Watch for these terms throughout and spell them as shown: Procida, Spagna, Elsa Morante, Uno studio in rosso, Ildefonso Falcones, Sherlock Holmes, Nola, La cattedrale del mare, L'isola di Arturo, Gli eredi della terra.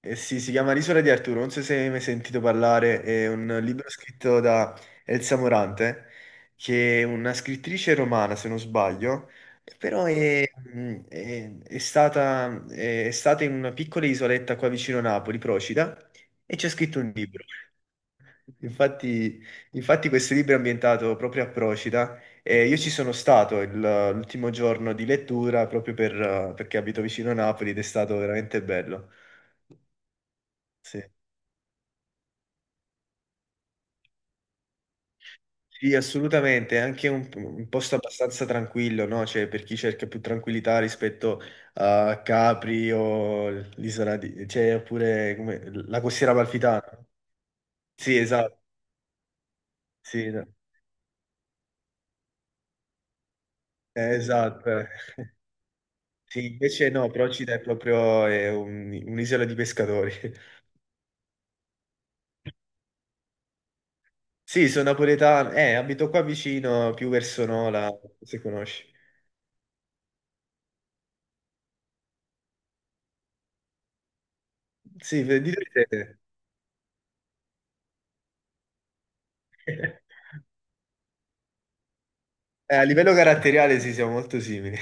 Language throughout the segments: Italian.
Sì, si chiama L'isola di Arturo, non so se hai mai sentito parlare, è un libro scritto da Elsa Morante, che è una scrittrice romana, se non sbaglio, però è stata in una piccola isoletta qua vicino Napoli, Procida, e ci ha scritto un libro. Infatti, infatti questo libro è ambientato proprio a Procida e io ci sono stato l'ultimo giorno di lettura proprio per, perché abito vicino a Napoli ed è stato veramente bello. Sì, sì, assolutamente, è anche un posto abbastanza tranquillo, no? Cioè, per chi cerca più tranquillità rispetto a Capri o l'isola di... la costiera amalfitana. Sì, esatto, sì, no. Esatto, eh. Sì, invece no, Procida è proprio un'isola di pescatori. Sì, sono napoletano, abito qua vicino, più verso Nola, se conosci. Sì, di dove siete? A livello caratteriale sì, siamo molto simili.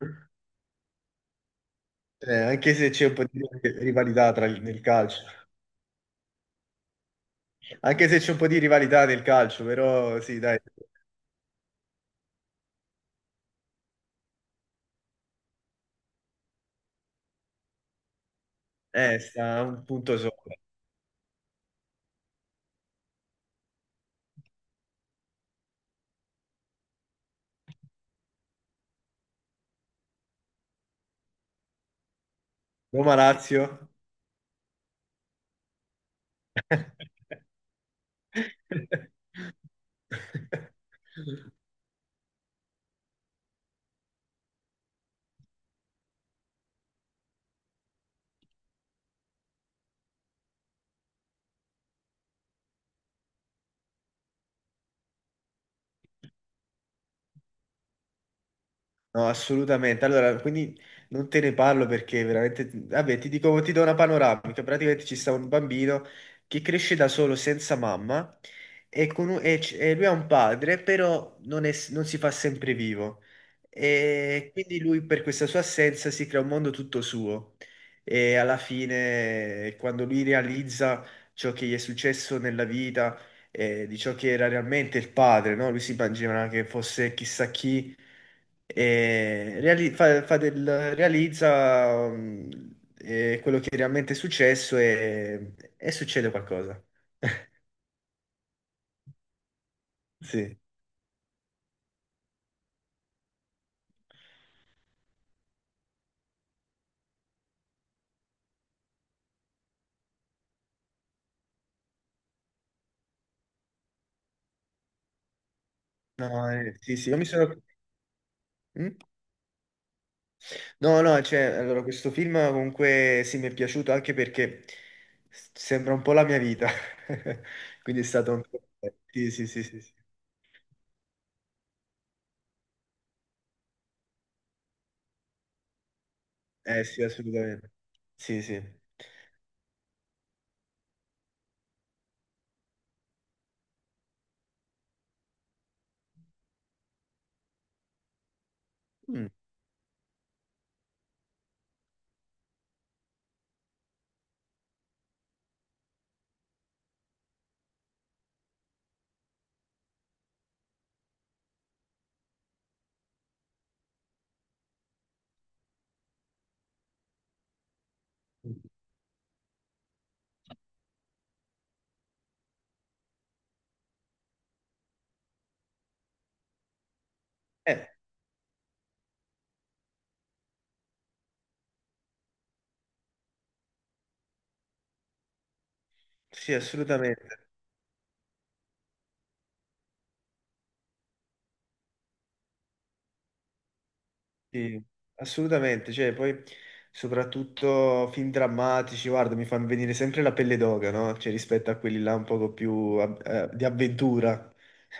Anche se c'è un po' di rivalità nel calcio, anche se c'è un po' di rivalità nel calcio, però sì, dai, sta un punto sopra. Roma-Lazio. No, assolutamente. Allora, quindi non te ne parlo perché veramente, vabbè, ti dico, ti do una panoramica. Praticamente ci sta un bambino che cresce da solo senza mamma e, con un- e c- e lui ha un padre, però non, è s- non si fa sempre vivo. E quindi lui per questa sua assenza si crea un mondo tutto suo. E alla fine, quando lui realizza ciò che gli è successo nella vita, di ciò che era realmente il padre, no? Lui si immaginava che fosse chissà chi, e realizza quello che realmente è successo e succede qualcosa. Sì, no, sì, sì, io mi sono... Mm? No, no, cioè, allora, questo film comunque sì, mi è piaciuto anche perché sembra un po' la mia vita, quindi è stato un po'... Sì, sì, sì, sì, sì. Eh sì, assolutamente. Sì, sì. Mm. Eh, sì, assolutamente, sì, assolutamente, cioè poi soprattutto film drammatici, guarda, mi fanno venire sempre la pelle d'oca, no? Cioè rispetto a quelli là un poco più di avventura.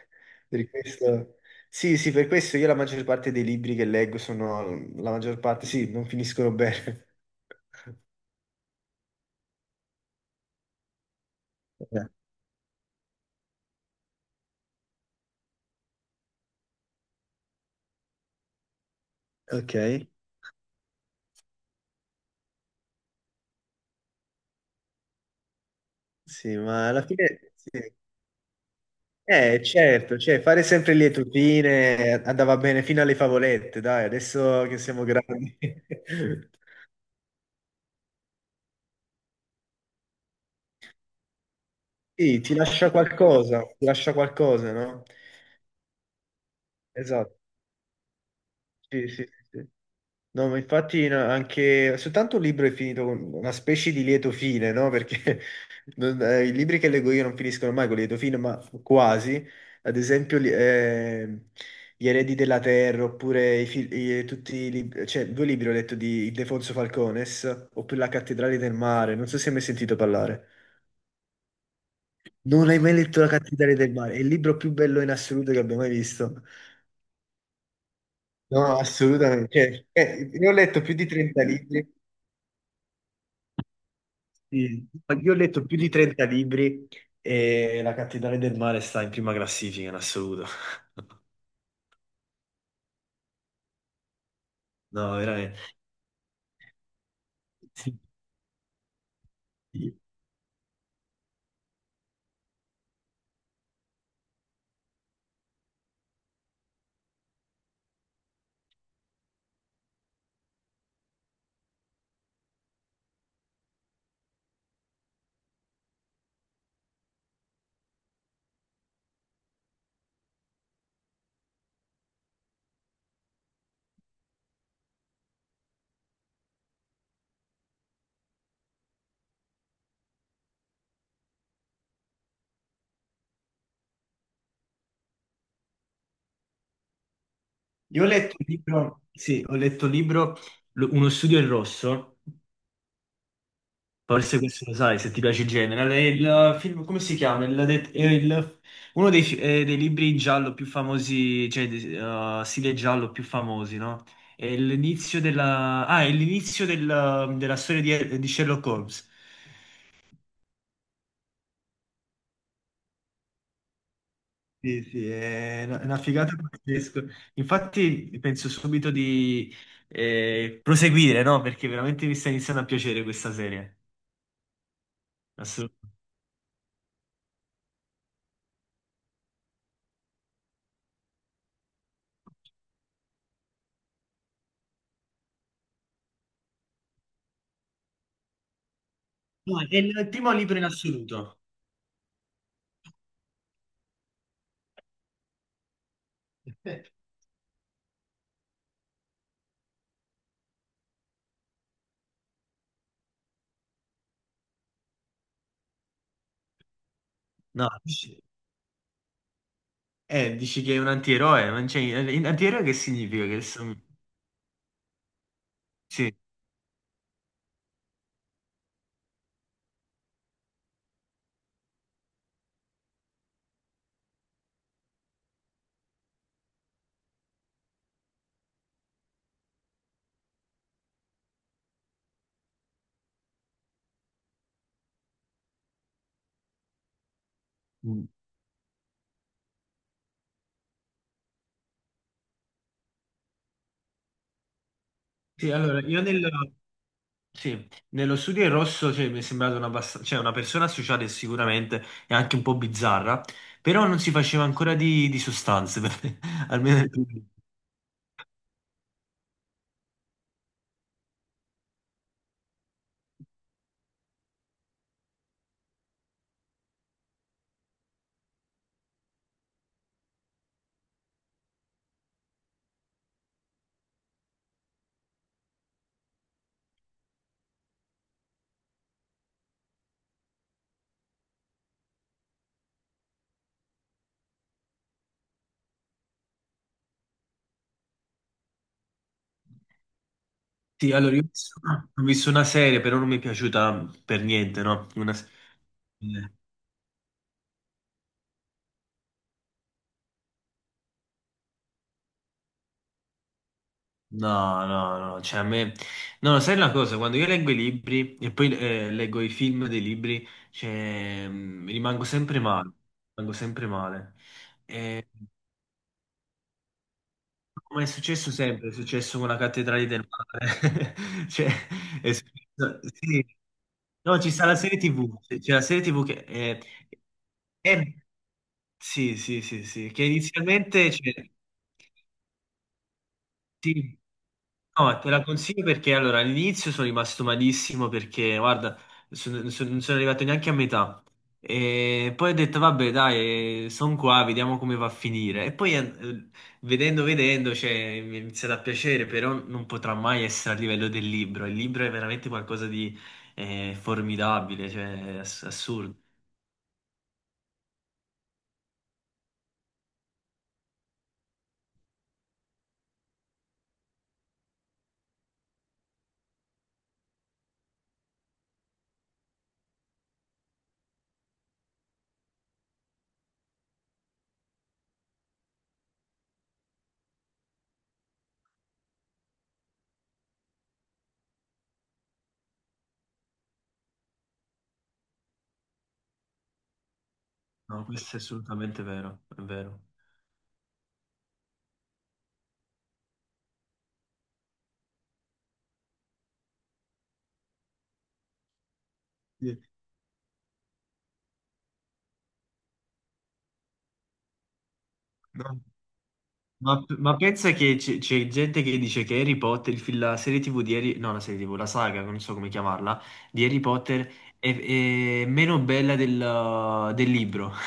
Per questo... Sì, sì, per questo io la maggior parte dei libri che leggo sono, la maggior parte, sì, non finiscono bene. Eh, ok. Sì, ma alla fine, sì. Certo, cioè, fare sempre lieto fine andava bene fino alle favolette, dai, adesso che siamo grandi. Sì, ti lascia qualcosa, no? Esatto, sì, sì, sì. No, ma infatti no, anche soltanto un libro è finito con una specie di lieto fine, no? Perché i libri che leggo io non finiscono mai con lieto fine, ma quasi. Ad esempio, Gli eredi della terra, oppure i fil- i- tutti i lib- cioè, due libri ho letto di Ildefonso Falcones, oppure La cattedrale del mare. Non so se hai mai sentito parlare. Non hai mai letto La cattedrale del mare? È il libro più bello in assoluto che abbia mai visto. No, assolutamente. Cioè, io ho letto più di 30 libri. Sì. Io ho letto più di 30 libri e La cattedrale del mare sta in prima classifica in assoluto. No, veramente. Sì. Io ho letto un libro, sì, ho letto un libro, Uno studio in rosso, forse questo lo sai se ti piace il genere, è il film, come si chiama? Il det- è il- uno dei, dei libri in giallo più famosi, cioè stile giallo più famosi, no? È l'inizio della, ah, è l'inizio della storia di Sherlock Holmes. Sì, sì, è una figata pazzesca. Infatti penso subito di proseguire, no? Perché veramente mi sta iniziando a piacere questa serie. Assolutamente. No, è il primo libro in assoluto. Eh, No, dici, dici che è un antieroe, ma non c'è- antieroe che significa? Che sono- Sì. Mm. Sì, allora, io nel, sì, nello studio in rosso cioè, mi è sembrato una, una persona associata e sicuramente e anche un po' bizzarra, però non si faceva ancora di sostanze, per- almeno nel primo. Sì, allora io ho visto una serie, però non mi è piaciuta per niente, no? Una se- eh, no, no, no, cioè a me... No, sai una cosa, quando io leggo i libri e poi leggo i film dei libri, cioè, rimango sempre male, rimango sempre male. Ehm, Ma è successo sempre, è successo con la cattedrale del mare. Cioè, è sì. No, ci sta la serie TV, c'è la serie TV che è- sì, sì, sì, sì, che inizialmente c'è- sì. No, te la consiglio perché allora all'inizio sono rimasto malissimo perché guarda, non sono arrivato neanche a metà. E poi ho detto vabbè, dai, sono qua, vediamo come va a finire. E poi vedendo, vedendo, cioè, mi è iniziato a piacere, però non potrà mai essere a livello del libro. Il libro è veramente qualcosa di formidabile, cioè assurdo. No, questo è assolutamente vero, è vero. Sì. No. Ma pensa che c'è gente che dice che Harry Potter, la serie TV di Harry, no, la serie TV, la saga, non so come chiamarla, di Harry Potter è, è meno bella del libro.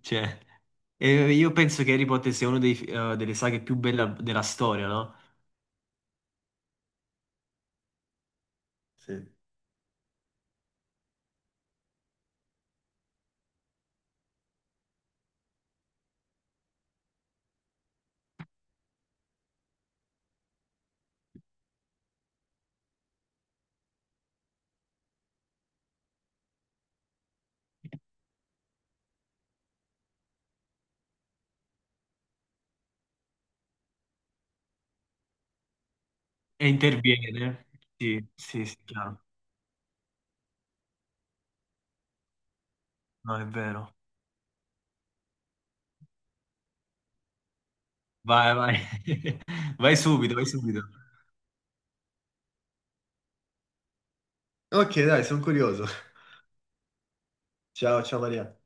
Cioè, io penso che Harry Potter sia una delle saghe più belle della storia, no? Sì. E interviene. Sì, sì, sì, chiaro. No, è vero. Vai, vai. Vai subito, vai subito. Ok, dai, sono curioso. Ciao, ciao Maria.